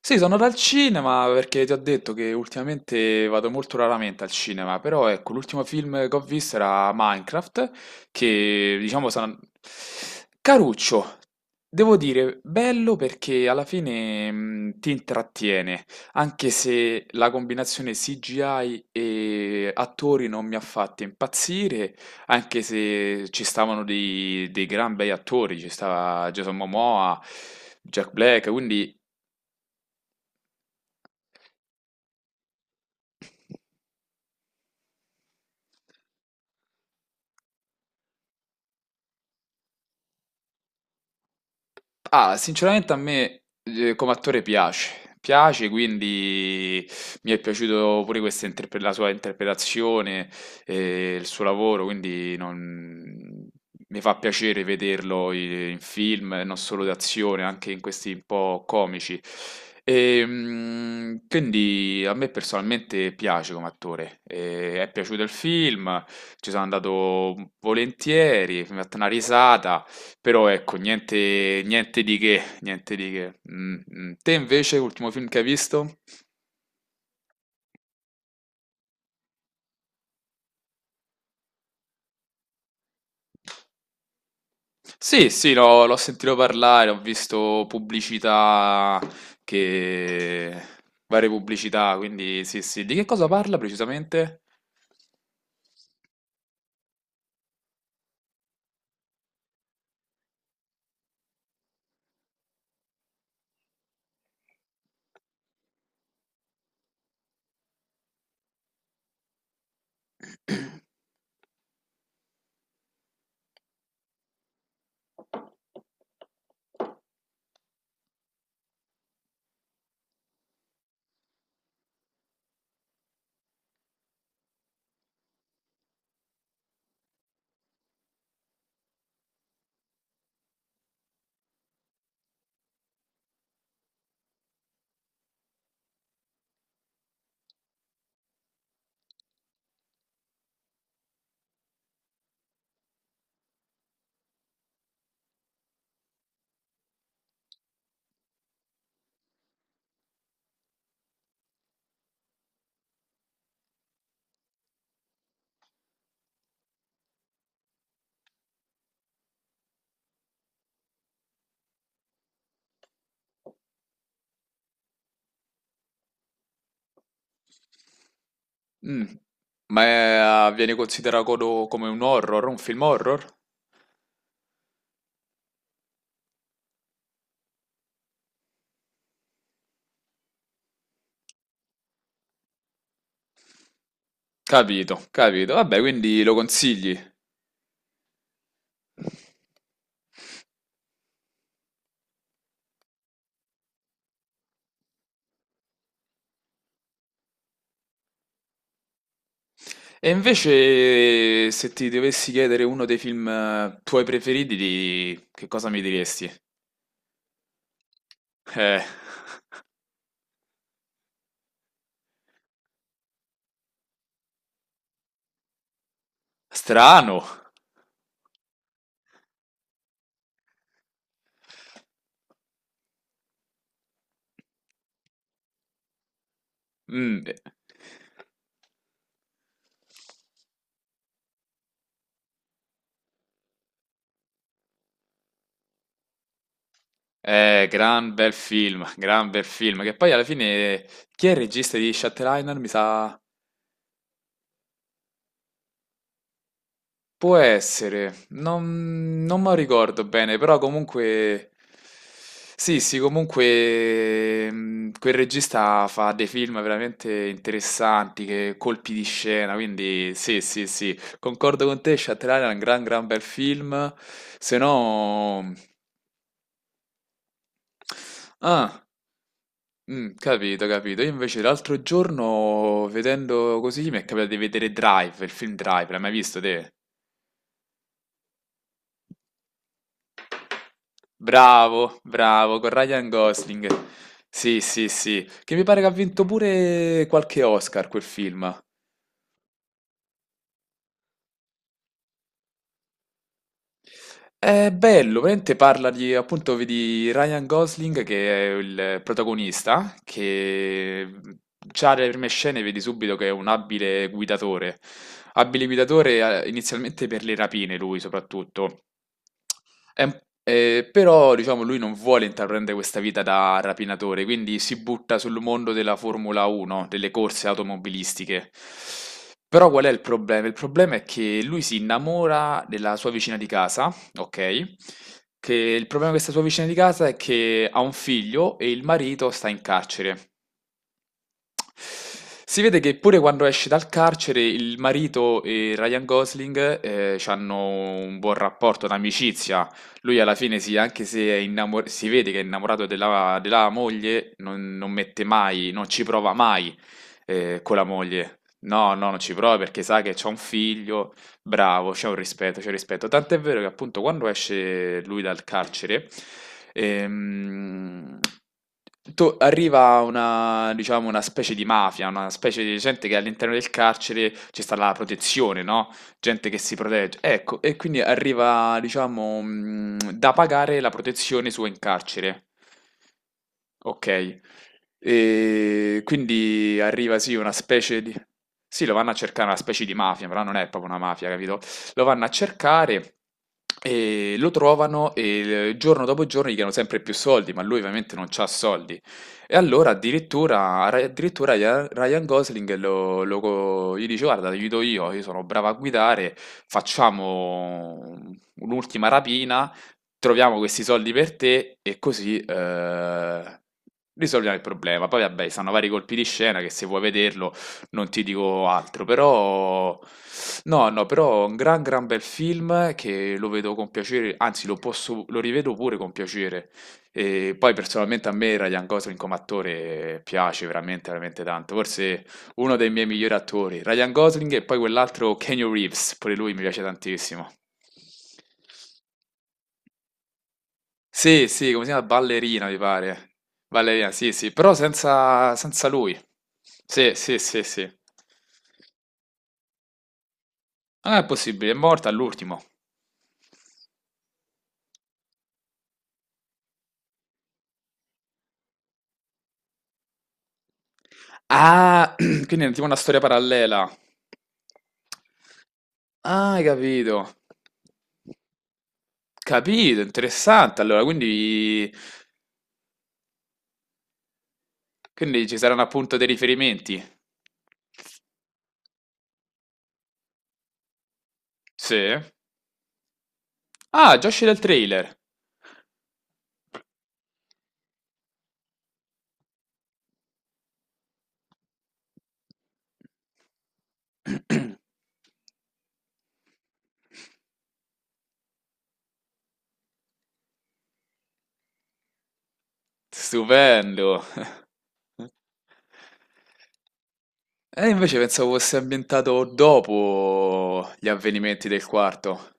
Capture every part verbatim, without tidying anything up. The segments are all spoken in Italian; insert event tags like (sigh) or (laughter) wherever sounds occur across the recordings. Sì, sono dal cinema perché ti ho detto che ultimamente vado molto raramente al cinema, però ecco, l'ultimo film che ho visto era Minecraft, che diciamo sono... Caruccio, devo dire, bello perché alla fine mh, ti intrattiene, anche se la combinazione C G I e attori non mi ha fatto impazzire, anche se ci stavano dei, dei gran bei attori, ci stava Jason Momoa, Jack Black, quindi... Ah, sinceramente a me eh, come attore piace, piace, quindi mi è piaciuto pure questa interpre- la sua interpretazione e il suo lavoro, quindi non- mi fa piacere vederlo i- in film, eh, non solo d'azione, anche in questi un po' comici. E, mm, quindi a me personalmente piace come attore, e è piaciuto il film, ci sono andato volentieri, mi ha fatto una risata. Però ecco, niente, niente di che, niente di che. Mm, mm. Te invece, l'ultimo film che hai visto? Sì, sì, l'ho l'ho sentito parlare, ho visto pubblicità che... varie pubblicità, quindi sì, sì. Di che cosa parla precisamente? (clears throat) Mm. Ma è- ah, viene considerato co- come un horror, un film horror? Capito, capito. Vabbè, quindi lo consigli. E invece, se ti dovessi chiedere uno dei film eh, tuoi preferiti, di- che cosa mi diresti? Eh, strano. Mm. Eh, eh, gran bel film, (laughs) gran bel film. Che poi alla fine, chi è il regista di Shutter Island? Mi sa. Può essere, non, non me lo ricordo bene, però comunque... Sì, sì, comunque mm, quel regista fa dei film veramente interessanti, che colpi di scena, quindi sì, sì, sì, concordo con te, Shutter Island è un gran, gran bel film, se no... Ah, mm, capito, capito. Io invece l'altro giorno, vedendo così, mi è capitato di vedere Drive, il film Drive, l'hai mai visto te? Bravo, bravo, con Ryan Gosling. Sì, sì, sì, che mi pare che ha vinto pure qualche Oscar quel film. È bello, veramente parla di, appunto, vedi Ryan Gosling che è il protagonista, che già dalle prime scene vedi subito che è un abile guidatore. Abile guidatore eh, inizialmente per le rapine, lui soprattutto. È un- eh, però, diciamo, lui non vuole intraprendere questa vita da rapinatore, quindi si butta sul mondo della Formula uno, delle corse automobilistiche. Però qual è il problema? Il problema è che lui si innamora della sua vicina di casa. Okay. Che il problema di questa sua vicina di casa è che ha un figlio e il marito sta in carcere. Si vede che pure quando esce dal carcere il marito e Ryan Gosling, ehm, c'hanno un buon rapporto, un'amicizia. Lui alla fine sì, anche se è innamo si vede che è innamorato della della moglie, non non mette mai, non ci prova mai, ehm, con la moglie. No, no, non ci prova perché sa che c'ha un figlio. Bravo, c'è un rispetto, c'è un rispetto. Tant'è vero che appunto quando esce lui dal carcere, ehm, to- arriva una, diciamo, una specie di mafia, una specie di gente che all'interno del carcere ci sta la protezione, no? Gente che si protegge. Ecco, e quindi arriva, diciamo, mm, da pagare la protezione sua in carcere. Ok, e quindi arriva sì una specie di... Sì, lo vanno a cercare una specie di mafia, però non è proprio una mafia, capito? Lo vanno a cercare e lo trovano e eh, giorno dopo giorno gli chiedono sempre più soldi, ma lui ovviamente non c'ha soldi. E allora addirittura, addirittura Ryan Ryan Gosling lo, lo- gli dice: guarda, ti aiuto io, io sono bravo a guidare, facciamo un'ultima rapina, troviamo questi soldi per te e così eh, risolviamo il problema. Poi vabbè, stanno vari colpi di scena che se vuoi vederlo non ti dico altro, però no, no, però è un gran gran bel film che lo vedo con piacere, anzi lo posso, lo rivedo pure con piacere. E poi personalmente a me Ryan Gosling come attore piace veramente veramente tanto, forse uno dei miei migliori attori, Ryan Gosling, e poi quell'altro Keanu Reeves, pure lui mi piace tantissimo. Sì, sì, come si chiama? Ballerina, mi pare. Ballerina, sì, sì, però senza, senza lui. Sì, sì, sì, sì. Non è possibile, è morta all'ultimo. Ah, (clears throat) quindi è tipo una storia parallela. Ah, hai capito. Capito, interessante. Allora, quindi, quindi ci saranno appunto dei riferimenti. Sì. Ah, già uscito il trailer. (clears throat) Stupendo. (laughs) E invece pensavo fosse ambientato dopo gli avvenimenti del quarto.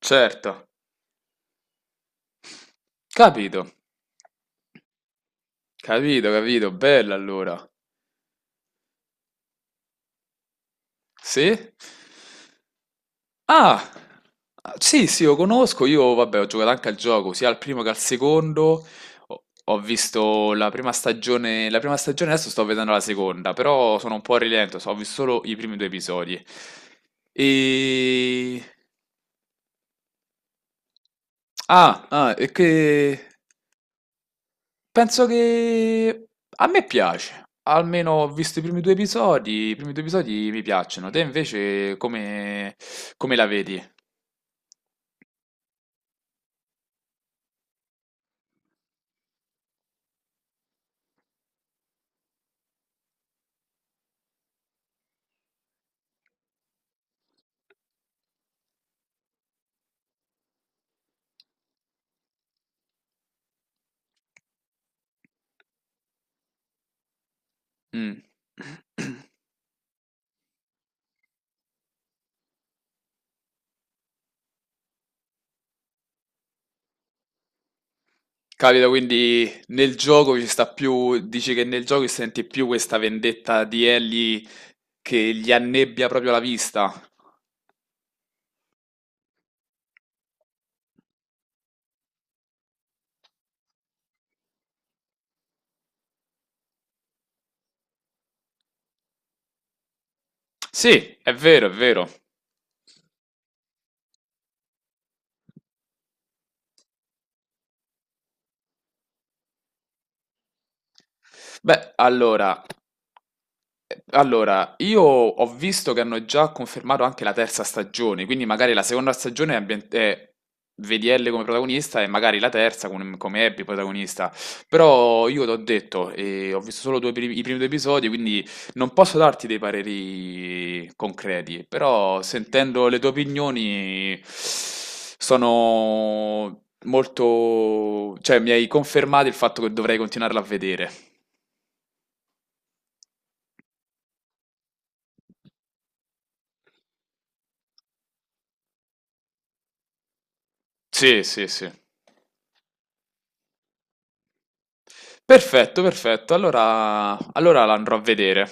Certo, capito, capito, capito, bella allora. Sì? Ah, sì, sì, lo conosco, io vabbè ho giocato anche al gioco, sia al primo che al secondo. Ho ho visto la prima stagione, la prima stagione, adesso sto vedendo la seconda, però sono un po' a rilento, so- ho visto solo i primi due episodi. E... Ah, ah, e che... Penso che a me piace, almeno ho visto i primi due episodi, i primi due episodi mi piacciono. Te invece come come la vedi? Mh. Capita quindi nel gioco ci sta più, dici che nel gioco senti più questa vendetta di Ellie che gli annebbia proprio la vista. Sì, è vero, è vero. Beh, allora, allora, io ho visto che hanno già confermato anche la terza stagione, quindi magari la seconda stagione è, ambient- è vedi Elle come protagonista e magari la terza con- come Abby protagonista. Però io t'ho detto, eh, ho visto solo due primi- i primi due episodi, quindi non posso darti dei pareri concreti, però sentendo le tue opinioni sono molto... cioè mi hai confermato il fatto che dovrei continuarla a vedere. Sì, sì, sì. Perfetto, perfetto. Allora, allora la andrò a vedere.